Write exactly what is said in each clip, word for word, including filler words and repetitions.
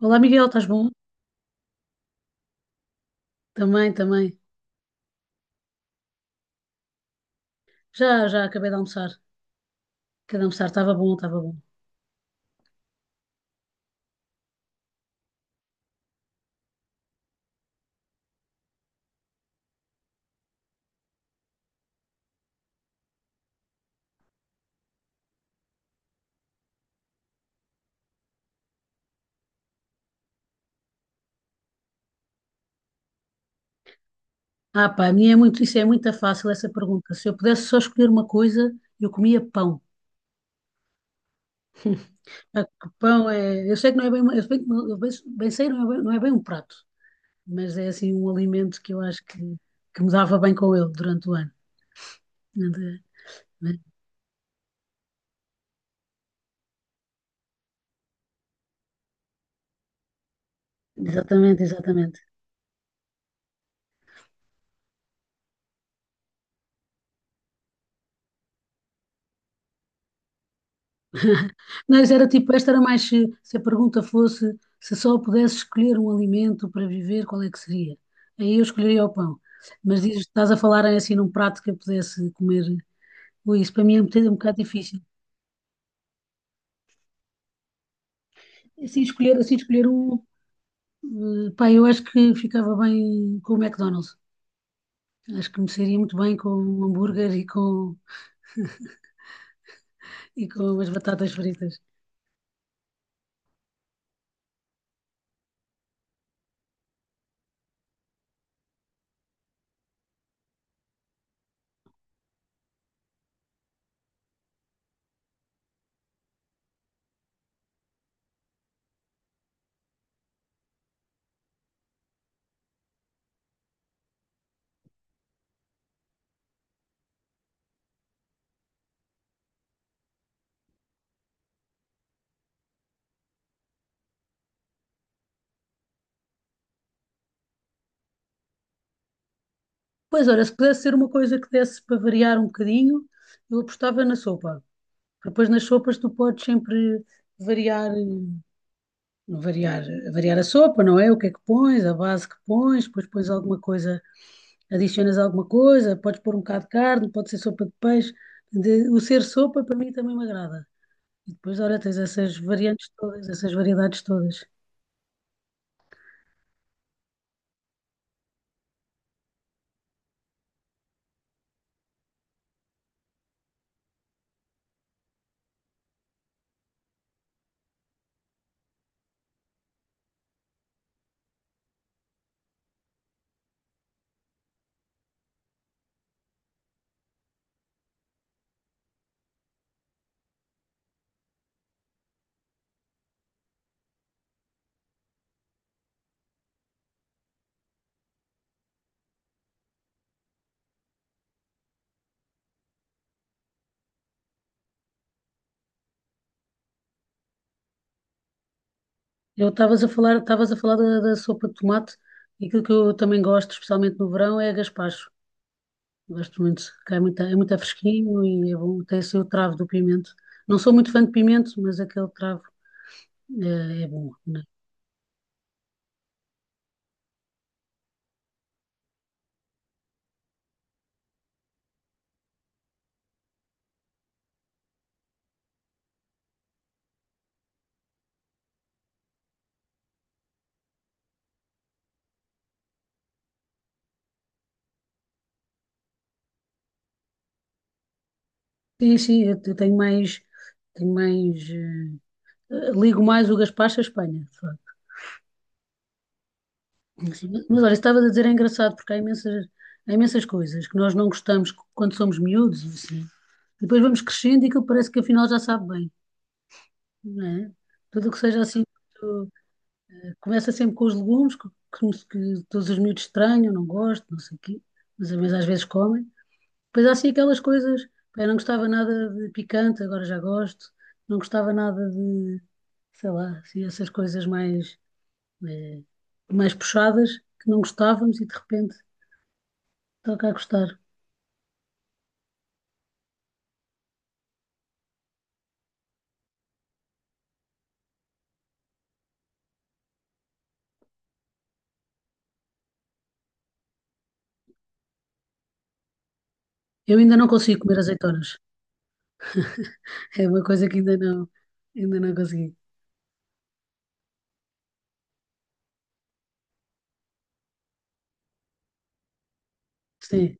Olá, Miguel, estás bom? Também, também. Já, já acabei de almoçar. Acabei de almoçar, estava bom, estava bom. Ah, pá, a minha é muito, isso é muito fácil, essa pergunta. Se eu pudesse só escolher uma coisa, eu comia pão. Ah, que pão é, eu sei que não é bem, uma- eu bem, eu bem, bem sei, não é bem, não é bem um prato, mas é assim um alimento que eu acho que, que me dava bem com ele durante o ano. Não é? É. Exatamente, exatamente. Mas era tipo, esta era mais se, se a pergunta fosse se só pudesse escolher um alimento para viver, qual é que seria? Aí eu escolheria o pão. Mas dizes, estás a falar em, assim num prato que eu pudesse comer. Ui, isso para mim é um bocadinho- um bocado difícil. Assim escolher, assim escolher um, eh, pá, eu acho que ficava bem com o McDonald's. Acho que me seria muito bem com o hambúrguer e com, e com as batatas fritas. Pois, ora se pudesse ser uma coisa que desse para variar um bocadinho, eu apostava na sopa. Depois nas sopas tu podes sempre variar, variar, variar a sopa, não é? O que é que pões, a base que pões, depois pões alguma coisa, adicionas alguma coisa, podes pôr um bocado de carne, pode ser sopa de peixe. De- o ser sopa para mim também me agrada. E depois, olha, tens essas variantes todas, essas variedades todas. Eu estavas a falar, estavas a falar da, da sopa de tomate e aquilo que eu também gosto, especialmente no verão, é a gaspacho. Gosto muito, que é muito, é muito fresquinho e é bom. Tem assim o travo do pimento. Não sou muito fã de pimento, mas aquele travo é, é bom, né? Sim, sim, eu te- tenho mais, tenho mais, eh, ligo mais o gaspacho à Espanha, de facto. Sim, mas olha, estava a dizer, é engraçado, porque há imensas, há imensas coisas que nós não gostamos quando somos miúdos, e assim. Depois vamos crescendo e aquilo parece que afinal já sabe bem, não é? Tudo o que seja assim, começa sempre com os legumes, que, que- que todos os miúdos estranham, não gostam, não sei o quê, mas, mas às vezes comem. Depois há assim aquelas coisas, pá, eu não gostava nada de picante, agora já gosto, não gostava nada de, sei lá, assim, essas coisas mais, eh, mais puxadas, que não gostávamos e de repente toca a gostar. Eu ainda não consigo comer azeitonas, é uma coisa que ainda não, ainda não consegui. Sim,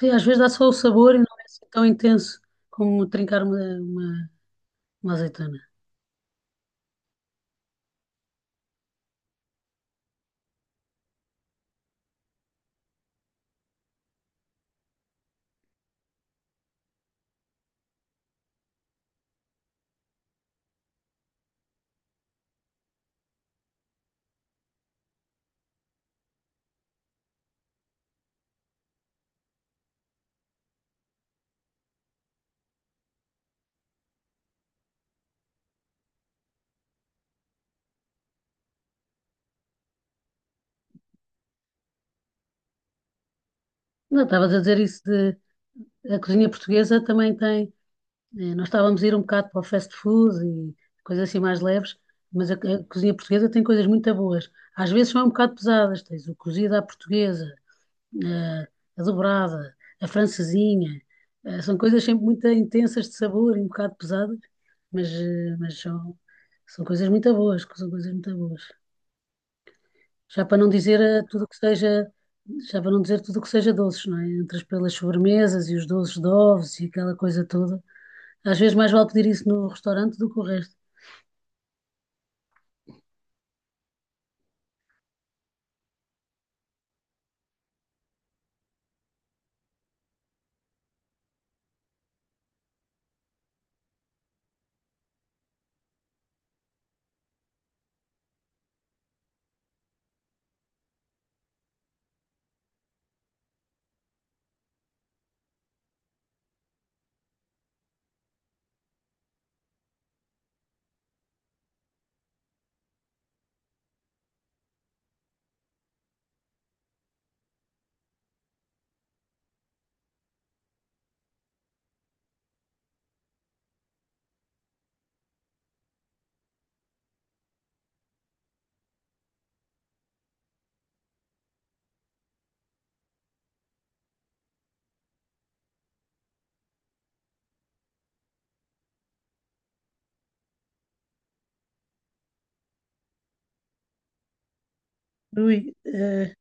sim, às vezes dá só o sabor e não é assim tão intenso como trincar uma, uma, uma azeitona. Não, estavas a dizer isso de a cozinha portuguesa também tem. eh, Nós estávamos a ir um bocado para o fast food e coisas assim mais leves, mas a, a cozinha portuguesa tem coisas muito boas. Às vezes são um bocado pesadas, tens o cozido à portuguesa, eh, a dobrada, a francesinha. eh, São coisas sempre muito intensas de sabor e um bocado pesadas, mas, eh, mas são, são coisas muito boas, são coisas muito boas. Já para não dizer eh, tudo o que seja, já para não dizer tudo o que seja doces, não é? Entre as pelas sobremesas e os doces de ovos e aquela coisa toda. Às vezes mais vale pedir isso no restaurante do que o resto. Ui, eh,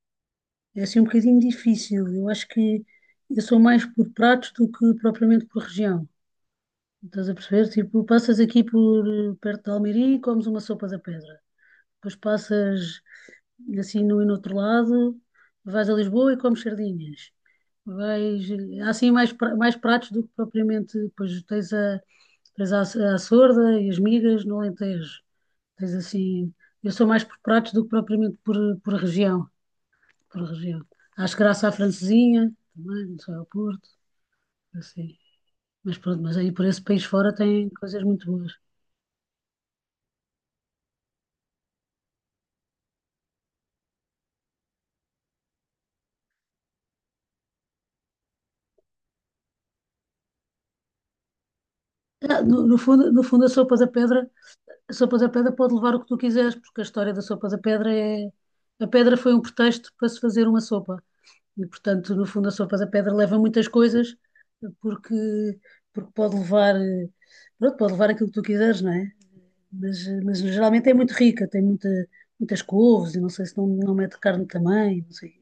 é assim um bocadinho difícil. Eu acho que eu sou mais por pratos do que propriamente por região. Estás a perceber? Tipo, passas aqui por eh, perto de Almeirim e comes uma sopa da pedra. Depois passas assim no e no outro lado, vais a Lisboa e comes sardinhas. Vais, há assim mais, pra- mais pratos do que propriamente, pois tens a, tens a, a sorda e as migas no Alentejo. Tens assim, eu sou mais por pratos do que propriamente por, por região, por região. Acho graça à francesinha, também, não sei, ao Porto, assim. Mas pronto, mas aí por esse país fora tem coisas muito boas. Ah, no, no fundo, no fundo, a sopa da pedra. A sopa da pedra pode levar o que tu quiseres, porque a história da sopa da pedra é. A pedra foi um pretexto para se fazer uma sopa. E, portanto, no fundo, a sopa da pedra leva muitas coisas, porque, porque pode levar. eh, Pronto, pode levar aquilo que tu quiseres, não é? Mas, eh, mas geralmente é muito rica, tem muita, muitas couves, e não sei se não, não mete carne também, não sei.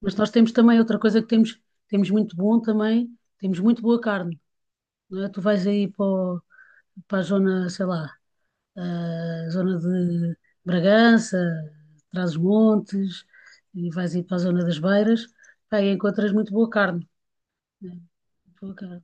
Mas nós temos também outra coisa que temos, temos muito bom também, temos muito boa carne, não é? Tu vais aí para, o- para a zona, sei lá, a zona de Bragança, Trás-os-Montes, e vais ir para a zona das Beiras, pá, e encontras muito boa carne, né? Muito boa carne.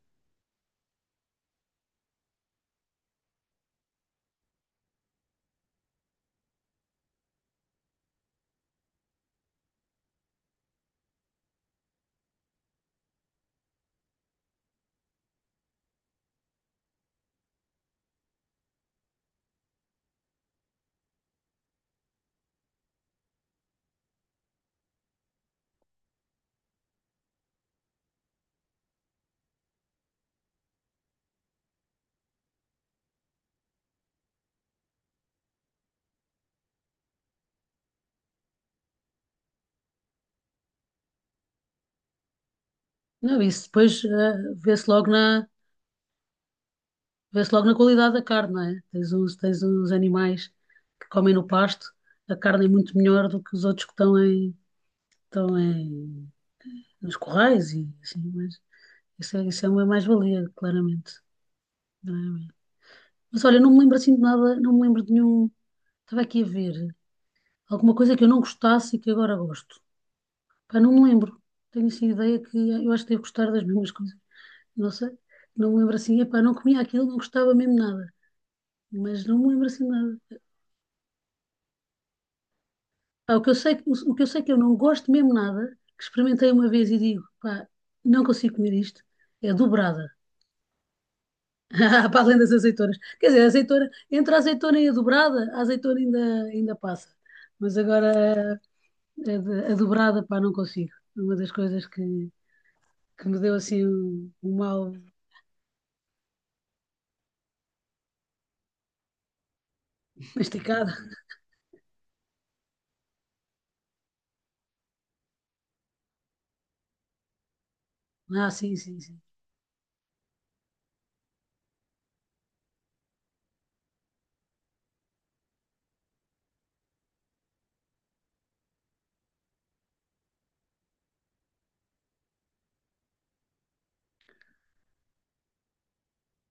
Não, isso depois eh, vê-se logo na, vê-se logo na qualidade da carne, não é? Tens uns, tens uns animais que comem no pasto, a carne é muito melhor do que os outros que estão em, estão em, nos corrais e assim, mas isso é, isso é uma mais-valia, claramente, claramente. Mas olha, não me lembro assim de nada, não me lembro de nenhum. Estava aqui a ver. Alguma coisa que eu não gostasse e que agora gosto. Pá, não me lembro. Tenho assim a ideia que eh, eu acho que devo gostar das mesmas coisas. Não sei. Não me lembro assim. Epá, não comia aquilo, não gostava mesmo nada. Mas não me lembro assim de nada. Pá, o que eu sei, que- o, que eu sei que eu não gosto mesmo nada, que experimentei uma vez e digo, pá, não consigo comer isto, é dobrada. Para além das azeitonas. Quer dizer, a azeitona, entre a azeitona e a dobrada, a azeitona ainda, ainda passa. Mas agora a, de- a dobrada, pá, não consigo. É uma das coisas que, que me deu assim um, um mal masticado. Ah, sim, sim, sim.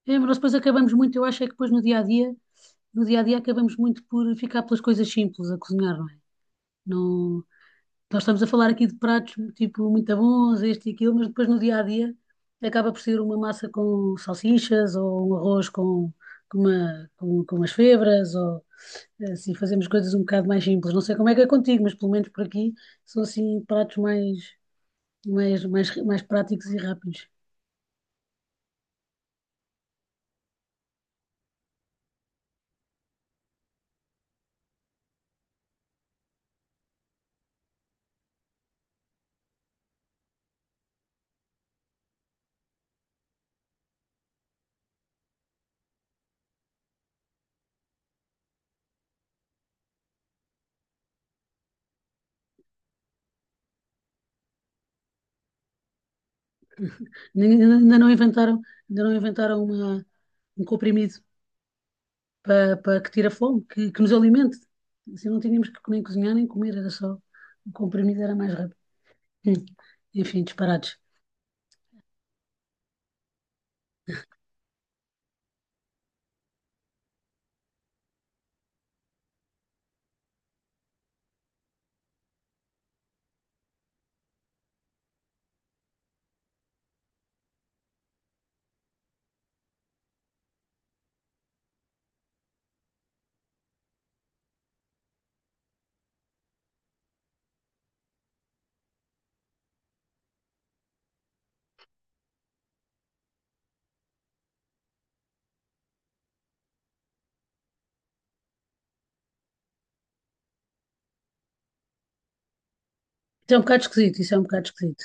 É, mas nós depois acabamos muito, eu acho é que depois no dia a dia, no dia a dia acabamos muito por ficar pelas coisas simples a cozinhar, não é? Não, nós estamos a falar aqui de pratos tipo muito bons, este e aquilo, mas depois no dia a dia acaba por ser uma massa com salsichas ou um arroz com, com, uma, com, com umas febras ou assim fazemos coisas um bocado mais simples. Não sei como é que é contigo, mas pelo menos por aqui são assim pratos mais, mais, mais, mais práticos e rápidos. Ainda ainda não inventaram, ainda não inventaram uma- um comprimido para, para que tire a fome, que, que nos alimente. Assim não tínhamos que nem cozinhar nem comer, era só o comprimido era mais rápido. Hum. Enfim, disparados. Isso é um bocado esquisito, isso é um bocado esquisito.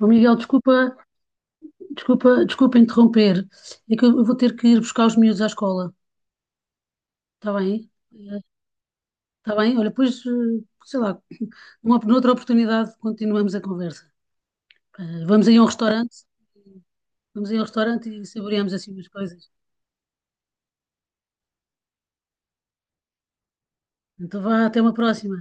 Ô Miguel, desculpa, desculpa, desculpa interromper. É que eu eu vou ter que ir buscar os miúdos à escola. Está bem? Eh, Está bem? Olha, pois, eh, sei lá, numa, noutra oportunidade continuamos a conversa. Eh, Vamos aí a um restaurante. Vamos aí ao restaurante e saboreamos assim umas coisas. Então vá, até uma próxima.